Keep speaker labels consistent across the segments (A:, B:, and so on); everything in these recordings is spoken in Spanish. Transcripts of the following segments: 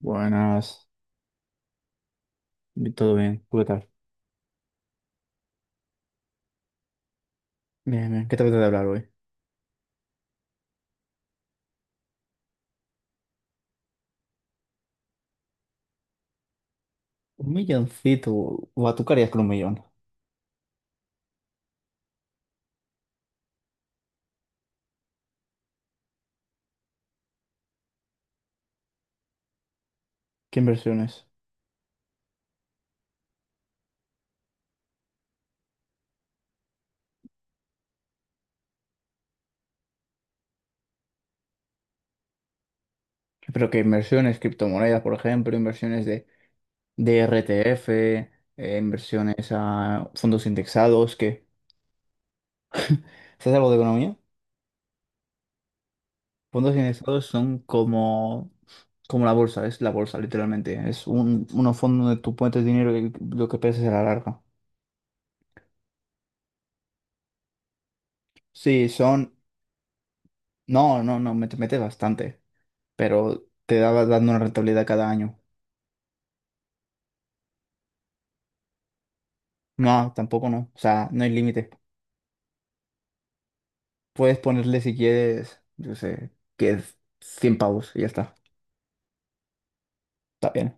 A: Buenas, todo bien, ¿tú qué tal? Bien, bien, ¿qué te apetece hablar hoy? Un milloncito, o a tú qué harías con un millón. ¿Qué inversiones? Pero que inversiones, criptomonedas, por ejemplo, inversiones de RTF, inversiones a fondos indexados, qué. ¿Sabes algo de economía? Fondos indexados son como, como la bolsa, es la bolsa, literalmente. Es unos fondos donde tú pones dinero y lo que pierdes a la larga. Sí, son... No, no, no, metes bastante. Pero te daba dando una rentabilidad cada año. No, tampoco no, o sea, no hay límite. Puedes ponerle si quieres, yo sé, que es 100 pavos y ya está, está bien.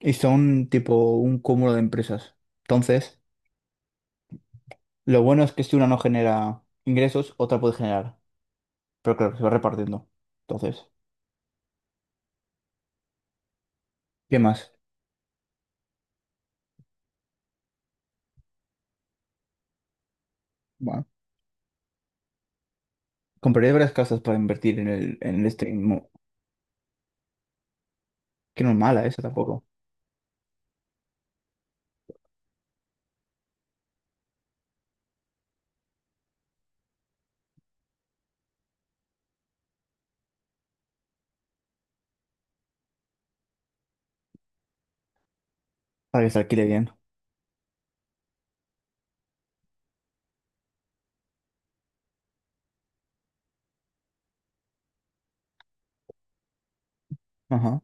A: Y son tipo un cúmulo de empresas. Entonces, lo bueno es que si una no genera ingresos, otra puede generar, pero claro, se va repartiendo. Entonces, ¿qué más? Bueno, compraría varias casas para invertir en este, inmo- que no es mala esa tampoco, para que se alquile bien. Ajá.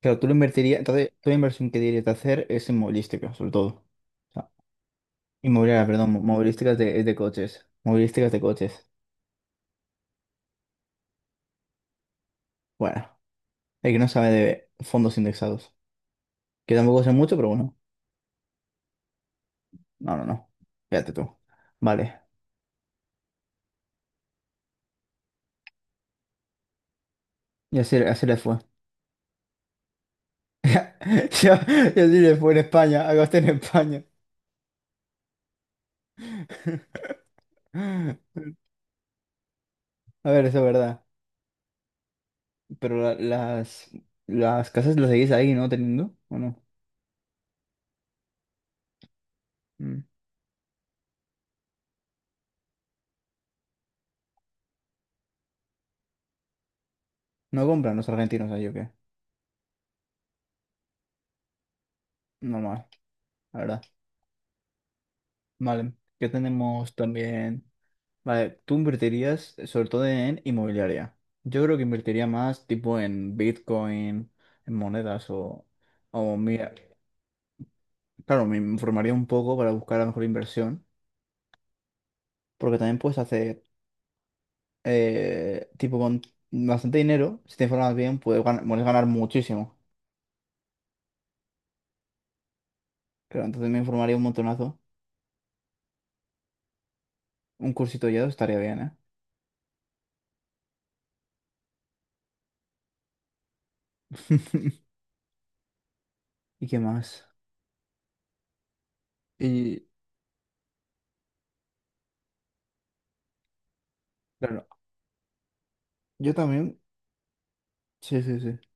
A: Claro, tú lo invertirías, entonces, tú la inversión que dirías de hacer es inmovilística, sobre todo. O sea, inmobiliaria, perdón, mo- movilística es de coches. Movilísticas de coches. Bueno, el que no sabe de fondos indexados. Que tampoco sé mucho, pero bueno. No, no, no. Fíjate tú. Vale. Y así, así le fue. Y así le fue en España, a gastar en España. A ver, eso es verdad. Pero las casas las seguís ahí, ¿no? Teniendo, ¿o no? Mm. ¿No compran los argentinos ahí, o qué? Normal, la verdad. Vale, qué tenemos también. Vale, tú invertirías sobre todo en inmobiliaria. Yo creo que invertiría más tipo en Bitcoin, en monedas o mi- claro, me informaría un poco para buscar la mejor inversión, porque también puedes hacer tipo con bastante dinero, si te informas bien, puedes ganar muchísimo. Claro, entonces me informaría un montonazo. Un cursito ya estaría bien, ¿eh? ¿Y qué más? Y claro, yo también, sí, sí, sí.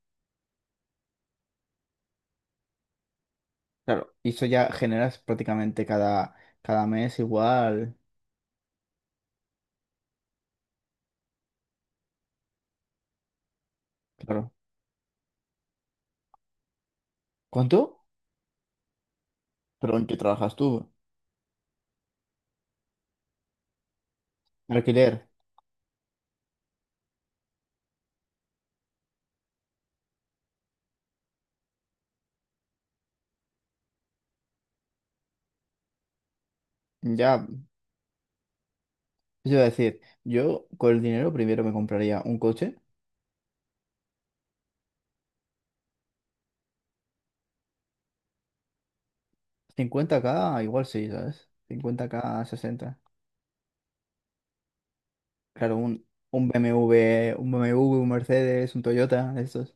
A: Claro, y eso ya generas prácticamente cada mes igual. Claro. ¿Cuánto? ¿Pero en qué trabajas tú? Alquiler. Ya, yo iba a decir, yo con el dinero primero me compraría un coche. 50k igual sí, sabes 50 50k, 60. Claro, un BMW, un BMW, un Mercedes, un Toyota, de estos.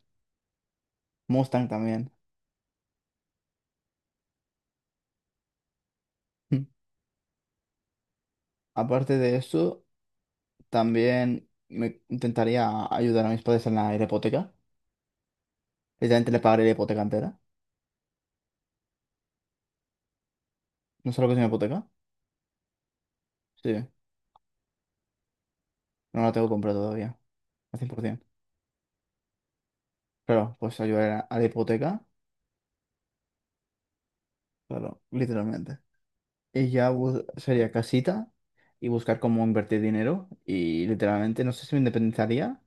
A: Mustang también. Aparte de eso, también me intentaría ayudar a mis padres en la hipoteca. Literalmente le pagaré la hipoteca entera. No sé lo que es una hipoteca. Sí, no la tengo comprada todavía, al 100%. Claro, pues ayudar a la hipoteca, claro, literalmente. Y ya bu- sería casita y buscar cómo invertir dinero. Y literalmente, no sé si me independizaría.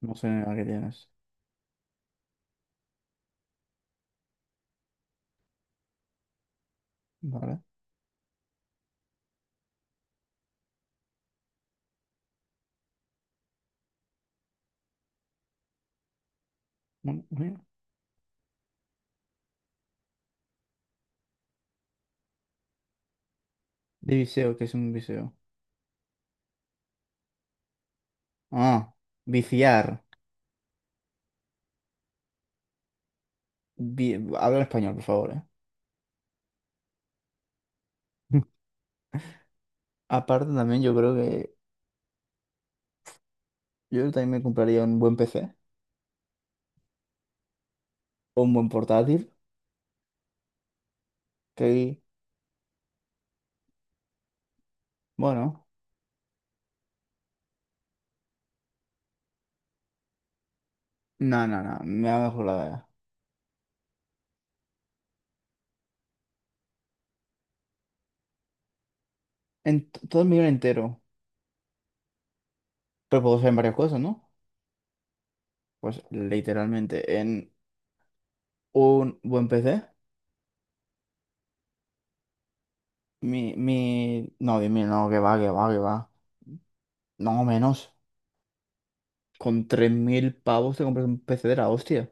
A: No sé a qué tienes. Vale. Bueno, bueno. De viseo, ¿qué es un viseo? Ah, viciar. Habla en español, por favor, ¿eh? Aparte también yo creo que yo también me compraría un buen PC o un buen portátil. Que, bueno, no, no, no, me ha mejorado en todo el millón entero. Pero puedo usar en varias cosas, ¿no? Pues literalmente en un buen PC. No, 10.000 no, que va, que va, que va. No, menos. Con 3.000 pavos te compras un PC de la hostia.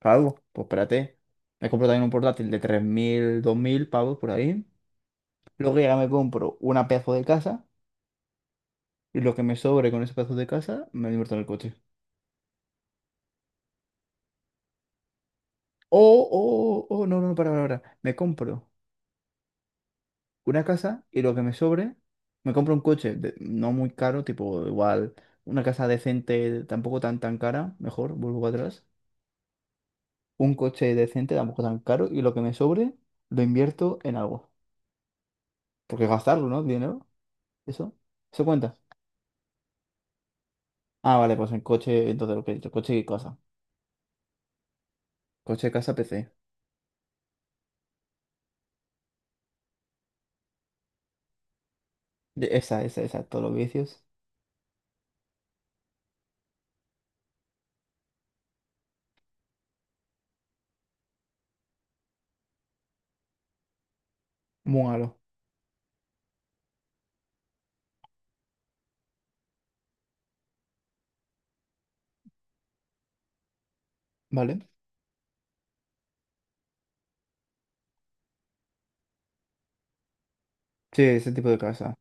A: Claro, pues espérate. Me compro también un portátil de 3.000 2.000 pavos por ahí. Luego ya me compro una pedazo de casa. Y lo que me sobre con ese pedazo de casa, me lo invierto en el coche. Oh, oh, oh, no, no, para, para. Me compro una casa y lo que me sobre, me compro un coche, de- no muy caro, tipo igual una casa decente, tampoco tan tan cara, mejor, vuelvo atrás. Un coche decente, tampoco tan caro, y lo que me sobre, lo invierto en algo. Porque gastarlo, ¿no? Dinero, eso, eso cuenta. Ah, vale, pues en coche, entonces lo que he dicho, coche y casa. Coche, casa, PC. De- esa, todos los vicios. Muy malo, ¿vale? Sí, ese tipo de casa.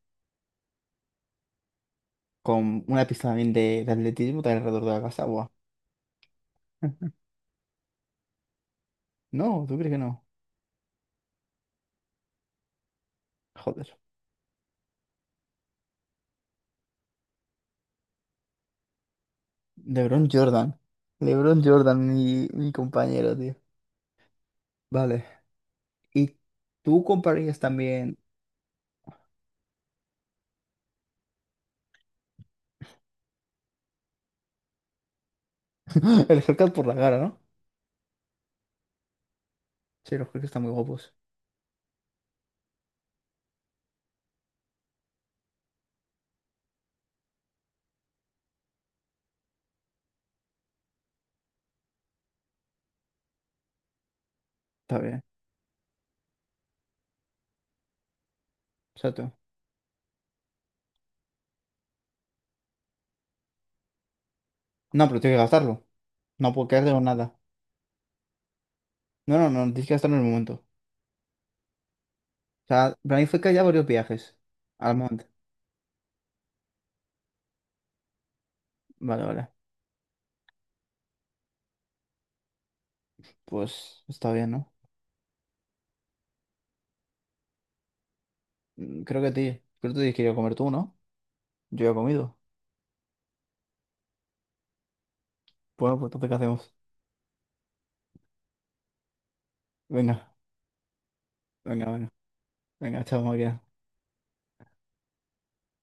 A: Con una pista también de atletismo también alrededor de la casa, guau. No, ¿tú crees que no? Joder. LeBron Jordan. LeBron Jordan, mi compañero, tío. Vale. Y tú comprarías también el haircut por la cara, ¿no? Sí, los Hellcats están muy guapos. Está bien. Exacto. No, pero tienes que gastarlo. No puedo quedarte con nada. No, no, no, tienes que gastarlo en el momento. O sea, para mí fue que ya varios viajes al monte. Vale, vale. Pues está bien, ¿no? Mm, creo que te tienes que ir a comer tú, ¿no? Yo ya he comido. Bueno, pues entonces, ¿qué hacemos? Venga, venga, venga. Venga, chao, María.